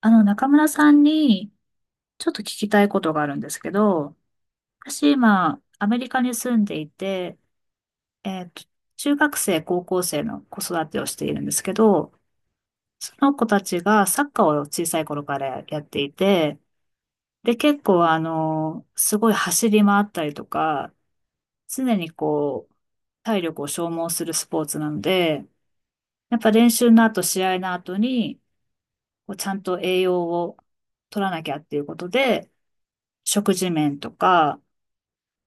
中村さんに、ちょっと聞きたいことがあるんですけど、私今、アメリカに住んでいて、えっと、中学生、高校生の子育てをしているんですけど、その子たちがサッカーを小さい頃からやっていて、で、結構すごい走り回ったりとか、常にこう、体力を消耗するスポーツなので、やっぱ練習の後、試合の後に、こうちゃんと栄養を取らなきゃっていうことで、食事面とか、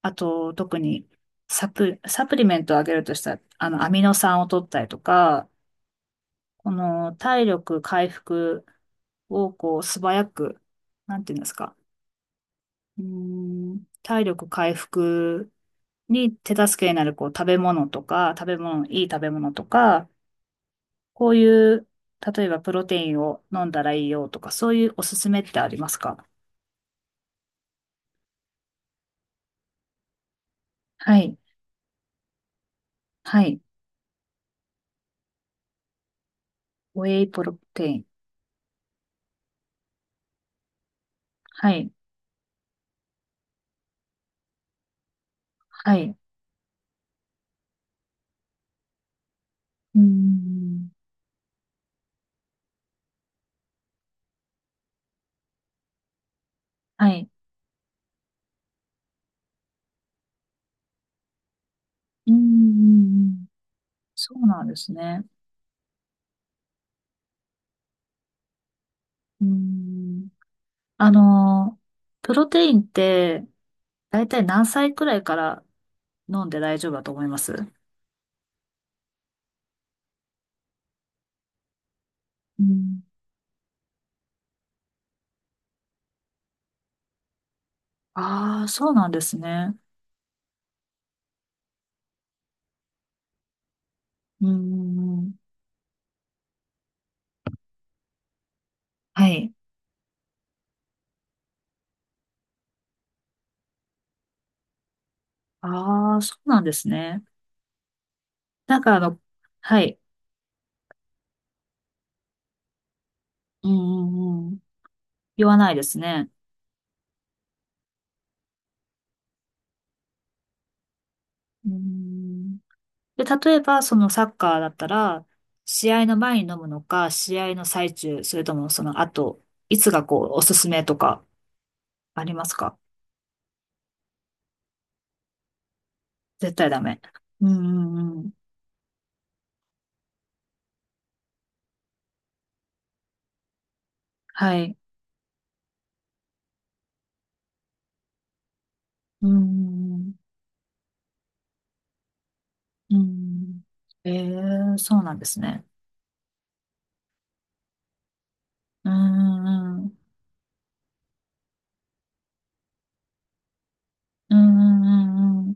あと特にサプリメントをあげるとしたら、アミノ酸を取ったりとか、この体力回復をこう素早く、なんていうんですか、体力回復に手助けになるこう食べ物とか、食べ物、いい食べ物とか、こういう、例えばプロテインを飲んだらいいよとか、そういうおすすめってありますか？はい。はい。ウェイプロテイン。はい。はい。うーん。はい。うーん。そうなんですね。うーん。あの、プロテインって、だいたい何歳くらいから飲んで大丈夫だと思います？うーん。ああ、そうなんですね。うーん。はい。ああ、そうなんですね。なんかはい。うんうんうん。言わないですね。うーん。で、例えば、そのサッカーだったら、試合の前に飲むのか、試合の最中、それともその後、いつがこう、おすすめとか、ありますか？絶対ダメ。うんうんうん。はい。うんうんうん。ん、ええ、そうなんですね。うんうんうん。うんうんうんうん。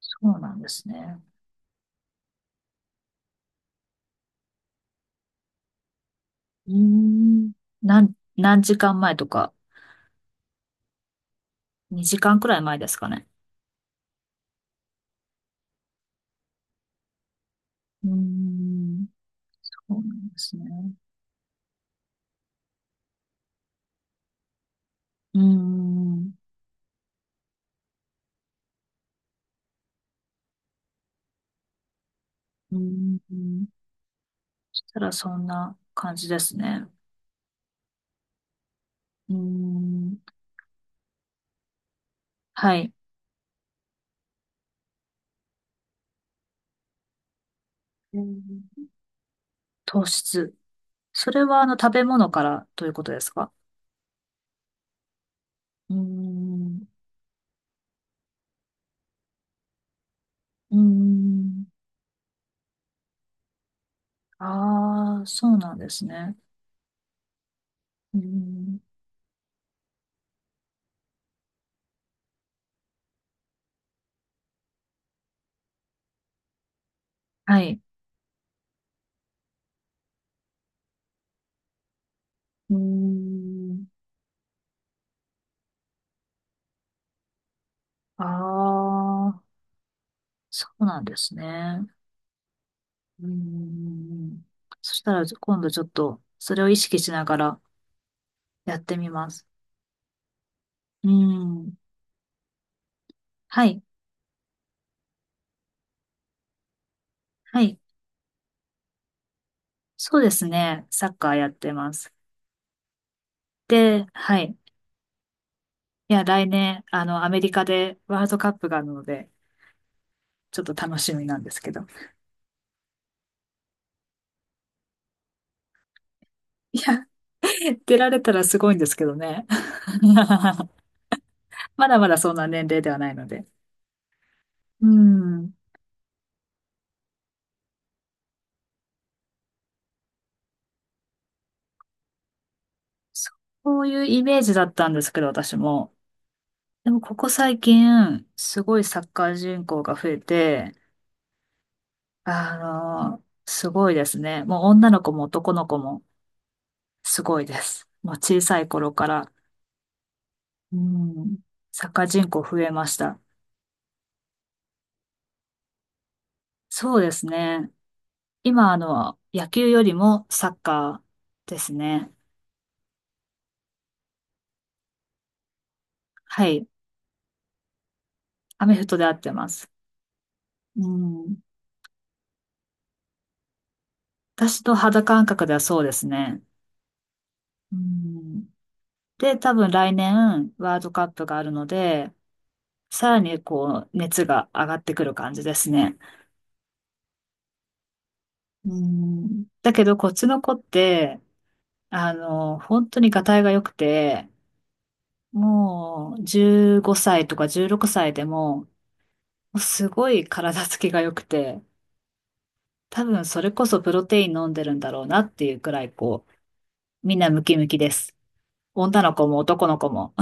そうなんですね。うん。何時間前とか、2時間くらい前ですかね？うん。そうなんですね。うん。うん。そしたらそんな感じですね。うん。はい。うん。糖質。それは食べ物からということですか？うーん。うーん。ああ、そうなんですね。うーん。はい。うーん。ああ、そうなんですね。うーん。そしたら今度ちょっとそれを意識しながらやってみます。うーん。はい。はい。そうですね。サッカーやってます。で、はい。いや、来年、アメリカでワールドカップがあるので、ちょっと楽しみなんですけど。いや、出られたらすごいんですけどね。まだまだそんな年齢ではないので。うん。そういうイメージだったんですけど、私も。でも、ここ最近、すごいサッカー人口が増えて、あすごいですね。もう女の子も男の子もすごいです。もう小さい頃から。うん。サッカー人口増えました。そうですね。今、野球よりもサッカーですね。はい。アメフトで合ってます。うん。私と肌感覚ではそうですね。うん。で、多分来年、ワールドカップがあるので、さらにこう、熱が上がってくる感じですね。うん。だけど、こっちの子って、本当にがたいが良くて、もう15歳とか16歳でも、すごい体つきが良くて、多分それこそプロテイン飲んでるんだろうなっていうくらい、こう、みんなムキムキです。女の子も男の子も。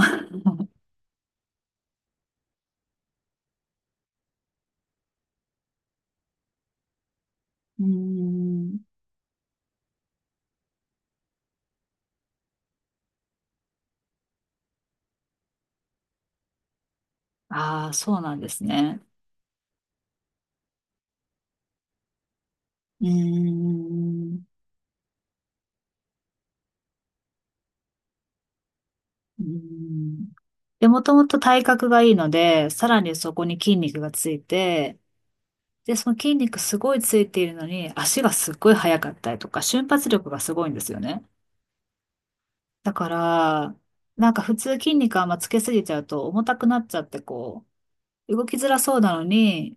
うーん。ああ、そうなんですね。うーん。うーん。で、もともと体格がいいので、さらにそこに筋肉がついて、で、その筋肉すごいついているのに、足がすっごい速かったりとか、瞬発力がすごいんですよね。だから、なんか普通筋肉あんまつけすぎちゃうと重たくなっちゃってこう、動きづらそうなのに、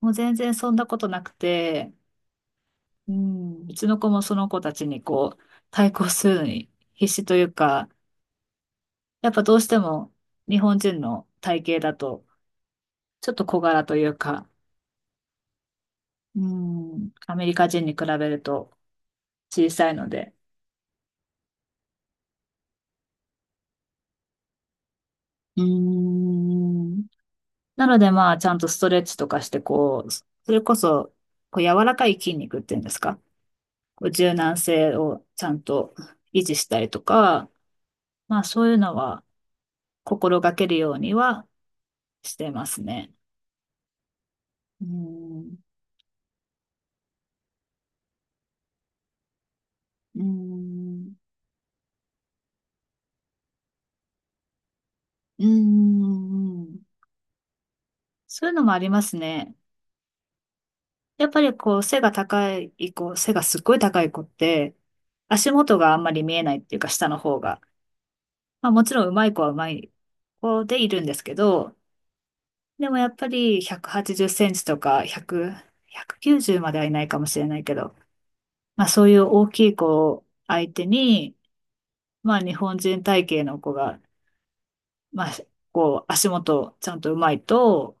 もう全然そんなことなくて、うん、うちの子もその子たちにこう、対抗するのに必死というか、やっぱどうしても日本人の体型だと、ちょっと小柄というか、うん、アメリカ人に比べると小さいので、うん、なのでまあ、ちゃんとストレッチとかして、こう、それこそ、こう柔らかい筋肉っていうんですか、こう柔軟性をちゃんと維持したりとか、まあそういうのは、心がけるようにはしてますね。うん、うん、うん、そういうのもありますね。やっぱりこう背が高い子、背がすっごい高い子って、足元があんまり見えないっていうか下の方が。まあもちろん上手い子は上手い子でいるんですけど、でもやっぱり180センチとか100、190まではいないかもしれないけど、まあそういう大きい子を相手に、まあ日本人体型の子がまあ、こう、足元ちゃんとうまいと、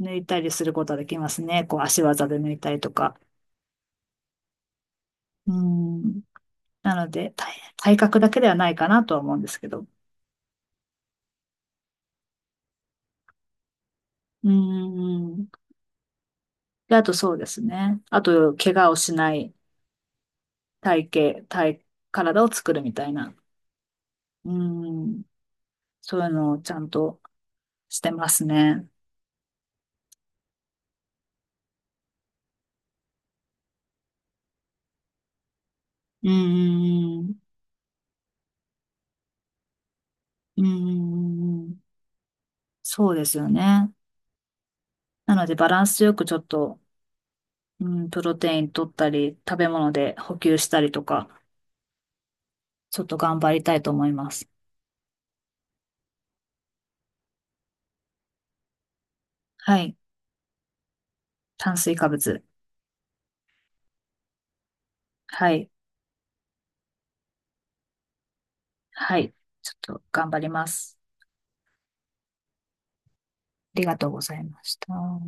抜いたりすることはできますね。こう、足技で抜いたりとか。うん。なので、体格だけではないかなとは思うんですけど。うん。で、あとそうですね。あと、怪我をしない体型、体、体を作るみたいな。うん。そういうのをちゃんとしてますね。うん。うん。そうですよね。なので、バランスよくちょっと、うん、プロテイン取ったり、食べ物で補給したりとか、ちょっと頑張りたいと思います。はい。炭水化物。はい。はい。ちょっと頑張ります。ありがとうございました。